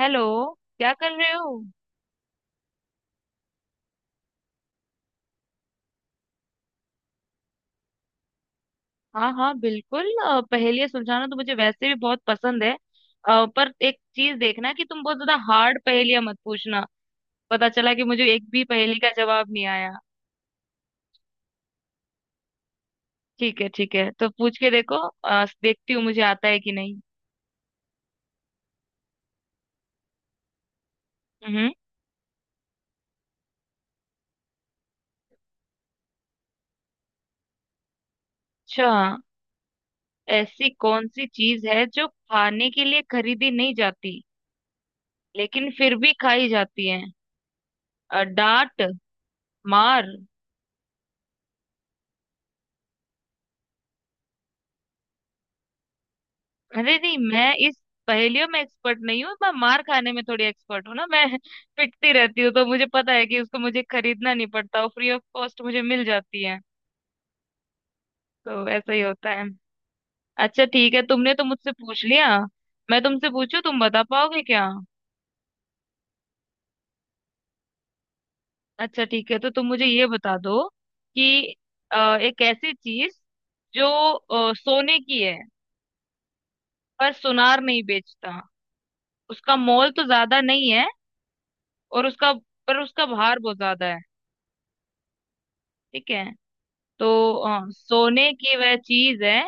Hello. क्या कर रहे हो? हाँ हाँ बिल्कुल, पहेलियाँ सुलझाना तो मुझे वैसे भी बहुत पसंद है। पर एक चीज देखना कि तुम बहुत ज्यादा हार्ड पहेलियाँ मत पूछना। पता चला कि मुझे एक भी पहेली का जवाब नहीं आया। ठीक है ठीक है, तो पूछ के देखो। देखती हूँ मुझे आता है कि नहीं। हम्म। अच्छा, ऐसी कौन सी चीज है जो खाने के लिए खरीदी नहीं जाती लेकिन फिर भी खाई जाती है? डांट। मार। अरे नहीं, मैं इस पहेलियों में एक्सपर्ट नहीं हूँ। मैं मार खाने में थोड़ी एक्सपर्ट हूँ ना। मैं पिटती रहती हूँ, तो मुझे पता है कि उसको मुझे खरीदना नहीं पड़ता, वो फ्री ऑफ कॉस्ट मुझे मिल जाती है। तो ऐसा ही होता है। अच्छा ठीक है, तुमने तो मुझसे पूछ लिया। मैं तुमसे पूछू तुम बता पाओगे क्या? अच्छा ठीक है, तो तुम मुझे ये बता दो कि एक ऐसी चीज जो सोने की है, पर सुनार नहीं बेचता। उसका मोल तो ज्यादा नहीं है, और उसका भार बहुत ज्यादा है। ठीक है? तो सोने की वह चीज है,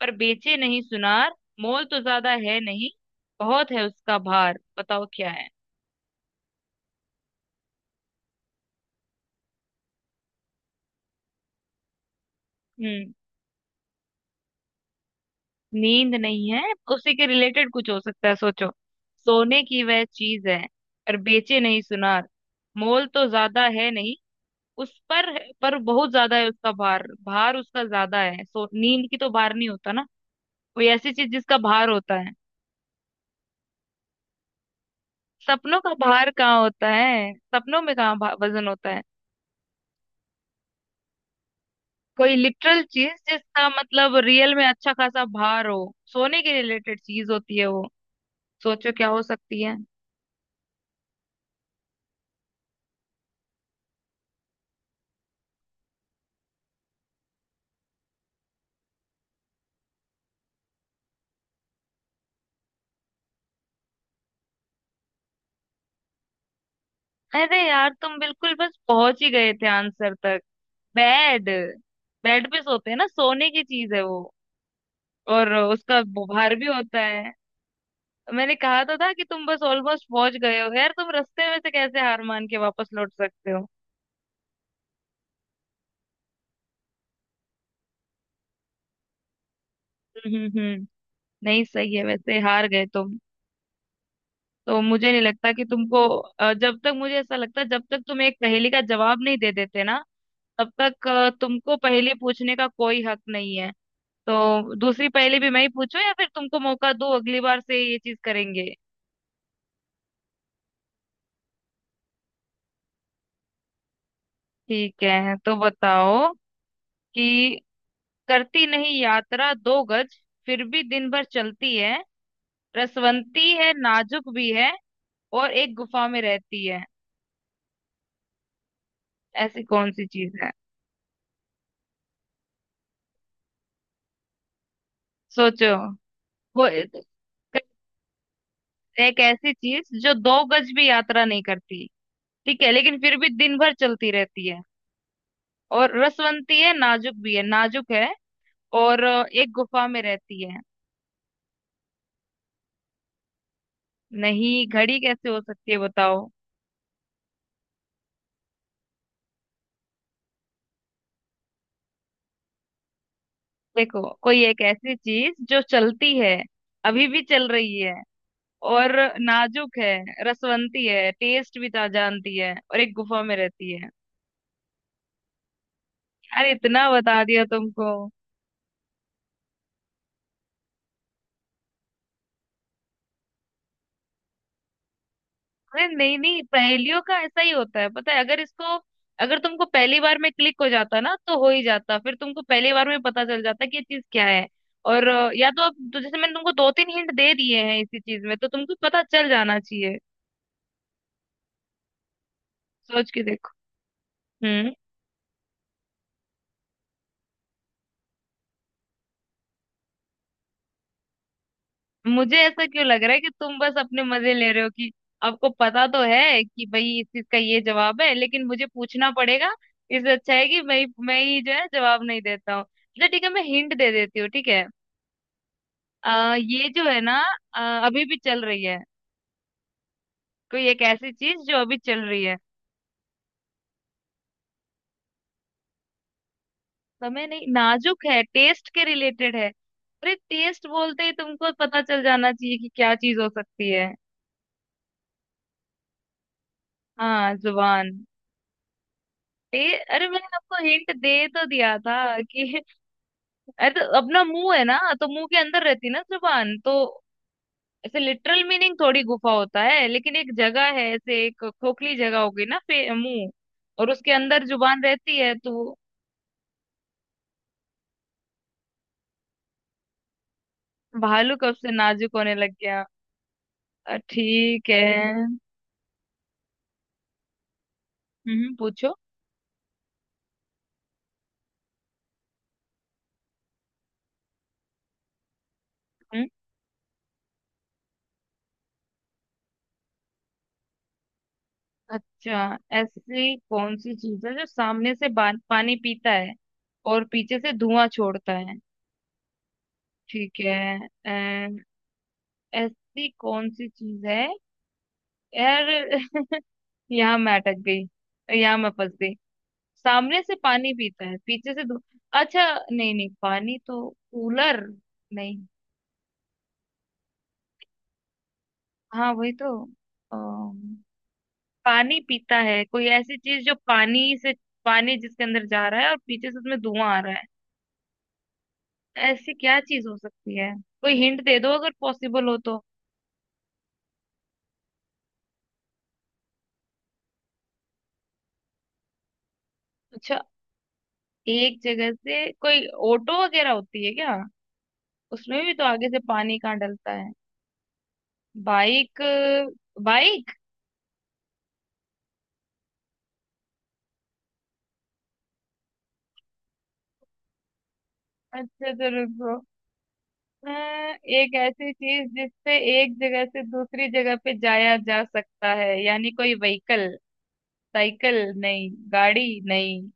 पर बेचे नहीं सुनार। मोल तो ज्यादा है नहीं, बहुत है उसका भार। बताओ क्या है? हम्म। नींद नहीं है। उसी के रिलेटेड कुछ हो सकता है, सोचो। सोने की वह चीज है, पर बेचे नहीं सुनार। मोल तो ज्यादा है नहीं, उस पर बहुत ज्यादा है उसका भार। भार उसका ज्यादा है, सो नींद की तो भार नहीं होता ना। कोई ऐसी चीज जिसका भार होता है। सपनों का भार कहाँ होता है? सपनों में कहाँ वजन होता है? कोई लिटरल चीज जिसका मतलब रियल में अच्छा खासा भार हो, सोने के रिलेटेड चीज होती है वो। सोचो क्या हो सकती है। अरे यार, तुम बिल्कुल बस पहुंच ही गए थे आंसर तक। बेड। बेड पे सोते हैं ना, सोने की चीज है वो, और उसका भार भी होता है। मैंने कहा तो था कि तुम बस ऑलमोस्ट पहुंच गए हो यार, तुम रास्ते में से कैसे हार मान के वापस लौट सकते हो? हम्म। नहीं, सही है वैसे, हार गए तुम। तो मुझे नहीं लगता कि तुमको, जब तक मुझे ऐसा लगता है, जब तक तुम एक पहेली का जवाब नहीं दे देते ना, तब तक तुमको पहेली पूछने का कोई हक नहीं है। तो दूसरी पहेली भी मैं ही पूछूं या फिर तुमको मौका दूं? अगली बार से ये चीज करेंगे। ठीक है, तो बताओ कि करती नहीं यात्रा दो गज, फिर भी दिन भर चलती है, रसवंती है, नाजुक भी है, और एक गुफा में रहती है। ऐसी कौन सी चीज है? सोचो। वो एक ऐसी चीज जो दो गज भी यात्रा नहीं करती, ठीक है, लेकिन फिर भी दिन भर चलती रहती है, और रसवंती है, नाजुक भी है, नाजुक है, और एक गुफा में रहती है। नहीं, घड़ी कैसे हो सकती है? बताओ। देखो, कोई एक ऐसी चीज जो चलती है, अभी भी चल रही है, और नाजुक है, रसवंती है, जानती है, और एक गुफा में रहती है। अरे इतना बता दिया तुमको। अरे नहीं नहीं, पहेलियों का ऐसा ही होता है, पता है? अगर इसको, अगर तुमको पहली बार में क्लिक हो जाता ना, तो हो ही जाता, फिर तुमको पहली बार में पता चल जाता कि ये चीज क्या है। और या तो अब तो जैसे मैंने तुमको दो तीन हिंट दे दिए हैं इसी चीज में, तो तुमको पता चल जाना चाहिए। सोच के देखो। हम्म। मुझे ऐसा क्यों लग रहा है कि तुम बस अपने मजे ले रहे हो कि आपको पता तो है कि भाई इस चीज का ये जवाब है लेकिन मुझे पूछना पड़ेगा। इससे अच्छा है कि मैं ही जो है जवाब नहीं देता हूँ। अच्छा ठीक है, मैं हिंट दे देती हूँ, ठीक है। ये जो है ना, अ, अभी भी चल रही है, कोई एक ऐसी चीज जो अभी चल रही है। समय नहीं। नाजुक है, टेस्ट के रिलेटेड है। अरे टेस्ट बोलते ही तुमको पता चल जाना चाहिए कि क्या चीज हो सकती है। हाँ, जुबान। अरे मैंने आपको हिंट दे तो दिया था कि अरे तो अपना मुंह है ना, तो मुंह के अंदर रहती है ना जुबान तो। ऐसे लिटरल मीनिंग थोड़ी गुफा होता है, लेकिन एक जगह है, ऐसे एक खोखली जगह होगी ना, मुंह, और उसके अंदर जुबान रहती है तो। भालू कब से नाजुक होने लग गया? ठीक है। हम्म, पूछो। हम्म। अच्छा, ऐसी कौन सी चीज है जो सामने से पानी पीता है और पीछे से धुआं छोड़ता है? ठीक है। अ, ऐसी कौन सी चीज है? यार यहाँ मैं अटक गई, यहाँ मैं फंस गई। सामने से पानी पीता है, पीछे से धु... अच्छा। नहीं नहीं, पानी तो कूलर। नहीं। हाँ वही तो, पानी पीता है। कोई ऐसी चीज जो पानी से, पानी जिसके अंदर जा रहा है और पीछे से उसमें धुआं आ रहा है। ऐसी क्या चीज हो सकती है? कोई हिंट दे दो अगर पॉसिबल हो तो। अच्छा, एक जगह से कोई ऑटो वगैरह होती है क्या? उसमें भी तो आगे से पानी कहाँ डलता है। बाइक। बाइक। अच्छा तो रुको। एक ऐसी चीज जिससे एक जगह से दूसरी जगह पे जाया जा सकता है, यानी कोई व्हीकल। साइकिल नहीं, गाड़ी नहीं।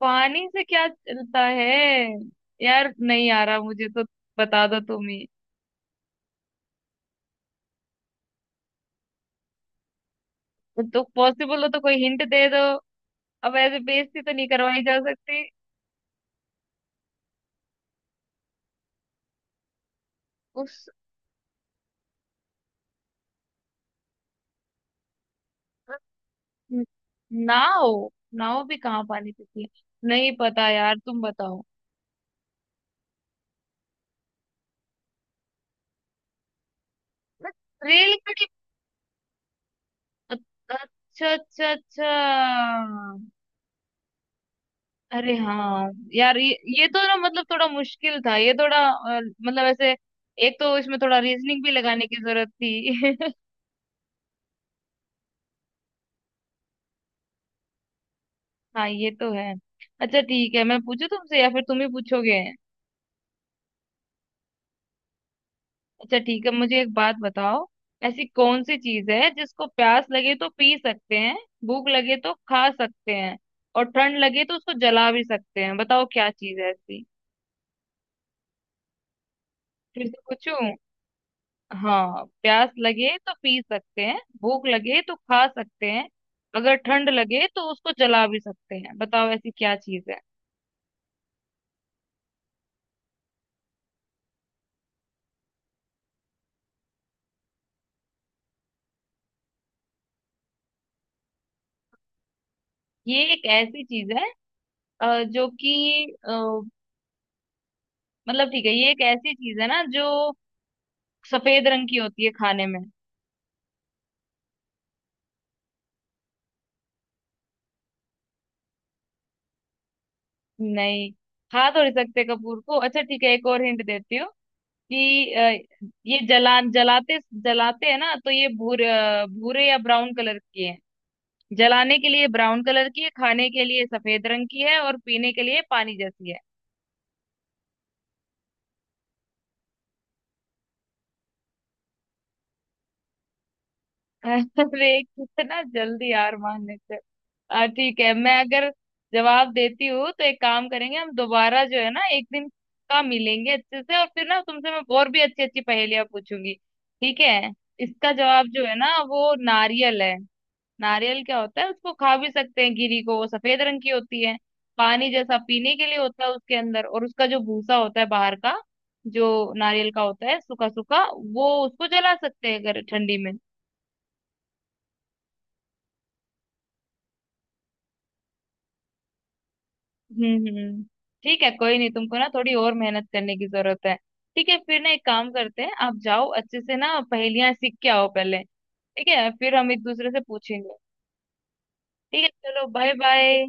पानी से क्या चलता है? यार नहीं आ रहा मुझे तो, बता दो तुम ही। तो पॉसिबल हो तो कोई हिंट दे दो, अब ऐसे बेइज्जती तो नहीं करवाई जा सकती। उस नाव। नाव भी कहाँ पानी पीती है? नहीं पता यार, तुम बताओ। रेलगाड़ी। अच्छा अच्छा अच्छा। अरे हाँ। यार ये तो ना मतलब थोड़ा मुश्किल था, ये थोड़ा मतलब ऐसे, एक तो इसमें थोड़ा रीजनिंग भी लगाने की जरूरत थी। हाँ ये तो है। अच्छा ठीक है, मैं पूछू तुमसे या फिर तुम ही पूछोगे? अच्छा ठीक है, मुझे एक बात बताओ। ऐसी कौन सी चीज है जिसको प्यास लगे तो पी सकते हैं, भूख लगे तो खा सकते हैं, और ठंड लगे तो उसको जला भी सकते हैं? बताओ क्या चीज है ऐसी। फिर से पूछू? हाँ, प्यास लगे तो पी सकते हैं, भूख लगे तो खा सकते हैं, अगर ठंड लगे तो उसको जला भी सकते हैं। बताओ ऐसी क्या चीज है। ये एक ऐसी चीज है जो कि मतलब, ठीक है, ये एक ऐसी चीज है ना जो सफेद रंग की होती है खाने में। नहीं, खा तो नहीं सकते कपूर को। अच्छा ठीक है, एक और हिंट देती हूँ कि ये जलाते हैं ना, तो ये भूरे भूरे या ब्राउन कलर की है। जलाने के लिए ब्राउन कलर की है, खाने के लिए सफेद रंग की है, और पीने के लिए पानी जैसी है। अरे कितना जल्दी हार मान लेते हो। ठीक है। मैं अगर जवाब देती हूँ तो एक काम करेंगे, हम दोबारा जो है ना एक दिन का मिलेंगे अच्छे से, और फिर ना तुमसे मैं और भी अच्छी अच्छी पहेलियां पूछूंगी, ठीक है? इसका जवाब जो है ना, वो नारियल है। नारियल क्या होता है, उसको खा भी सकते हैं, गिरी को, वो सफेद रंग की होती है। पानी जैसा पीने के लिए होता है उसके अंदर, और उसका जो भूसा होता है बाहर का, जो नारियल का होता है, सूखा सूखा, वो उसको जला सकते हैं अगर ठंडी में। हम्म। ठीक है, कोई नहीं, तुमको ना थोड़ी और मेहनत करने की जरूरत है। ठीक है, फिर ना एक काम करते हैं, आप जाओ अच्छे से ना पहेलियां सीख के आओ पहले, ठीक है, फिर हम एक दूसरे से पूछेंगे। ठीक है, चलो बाय बाय।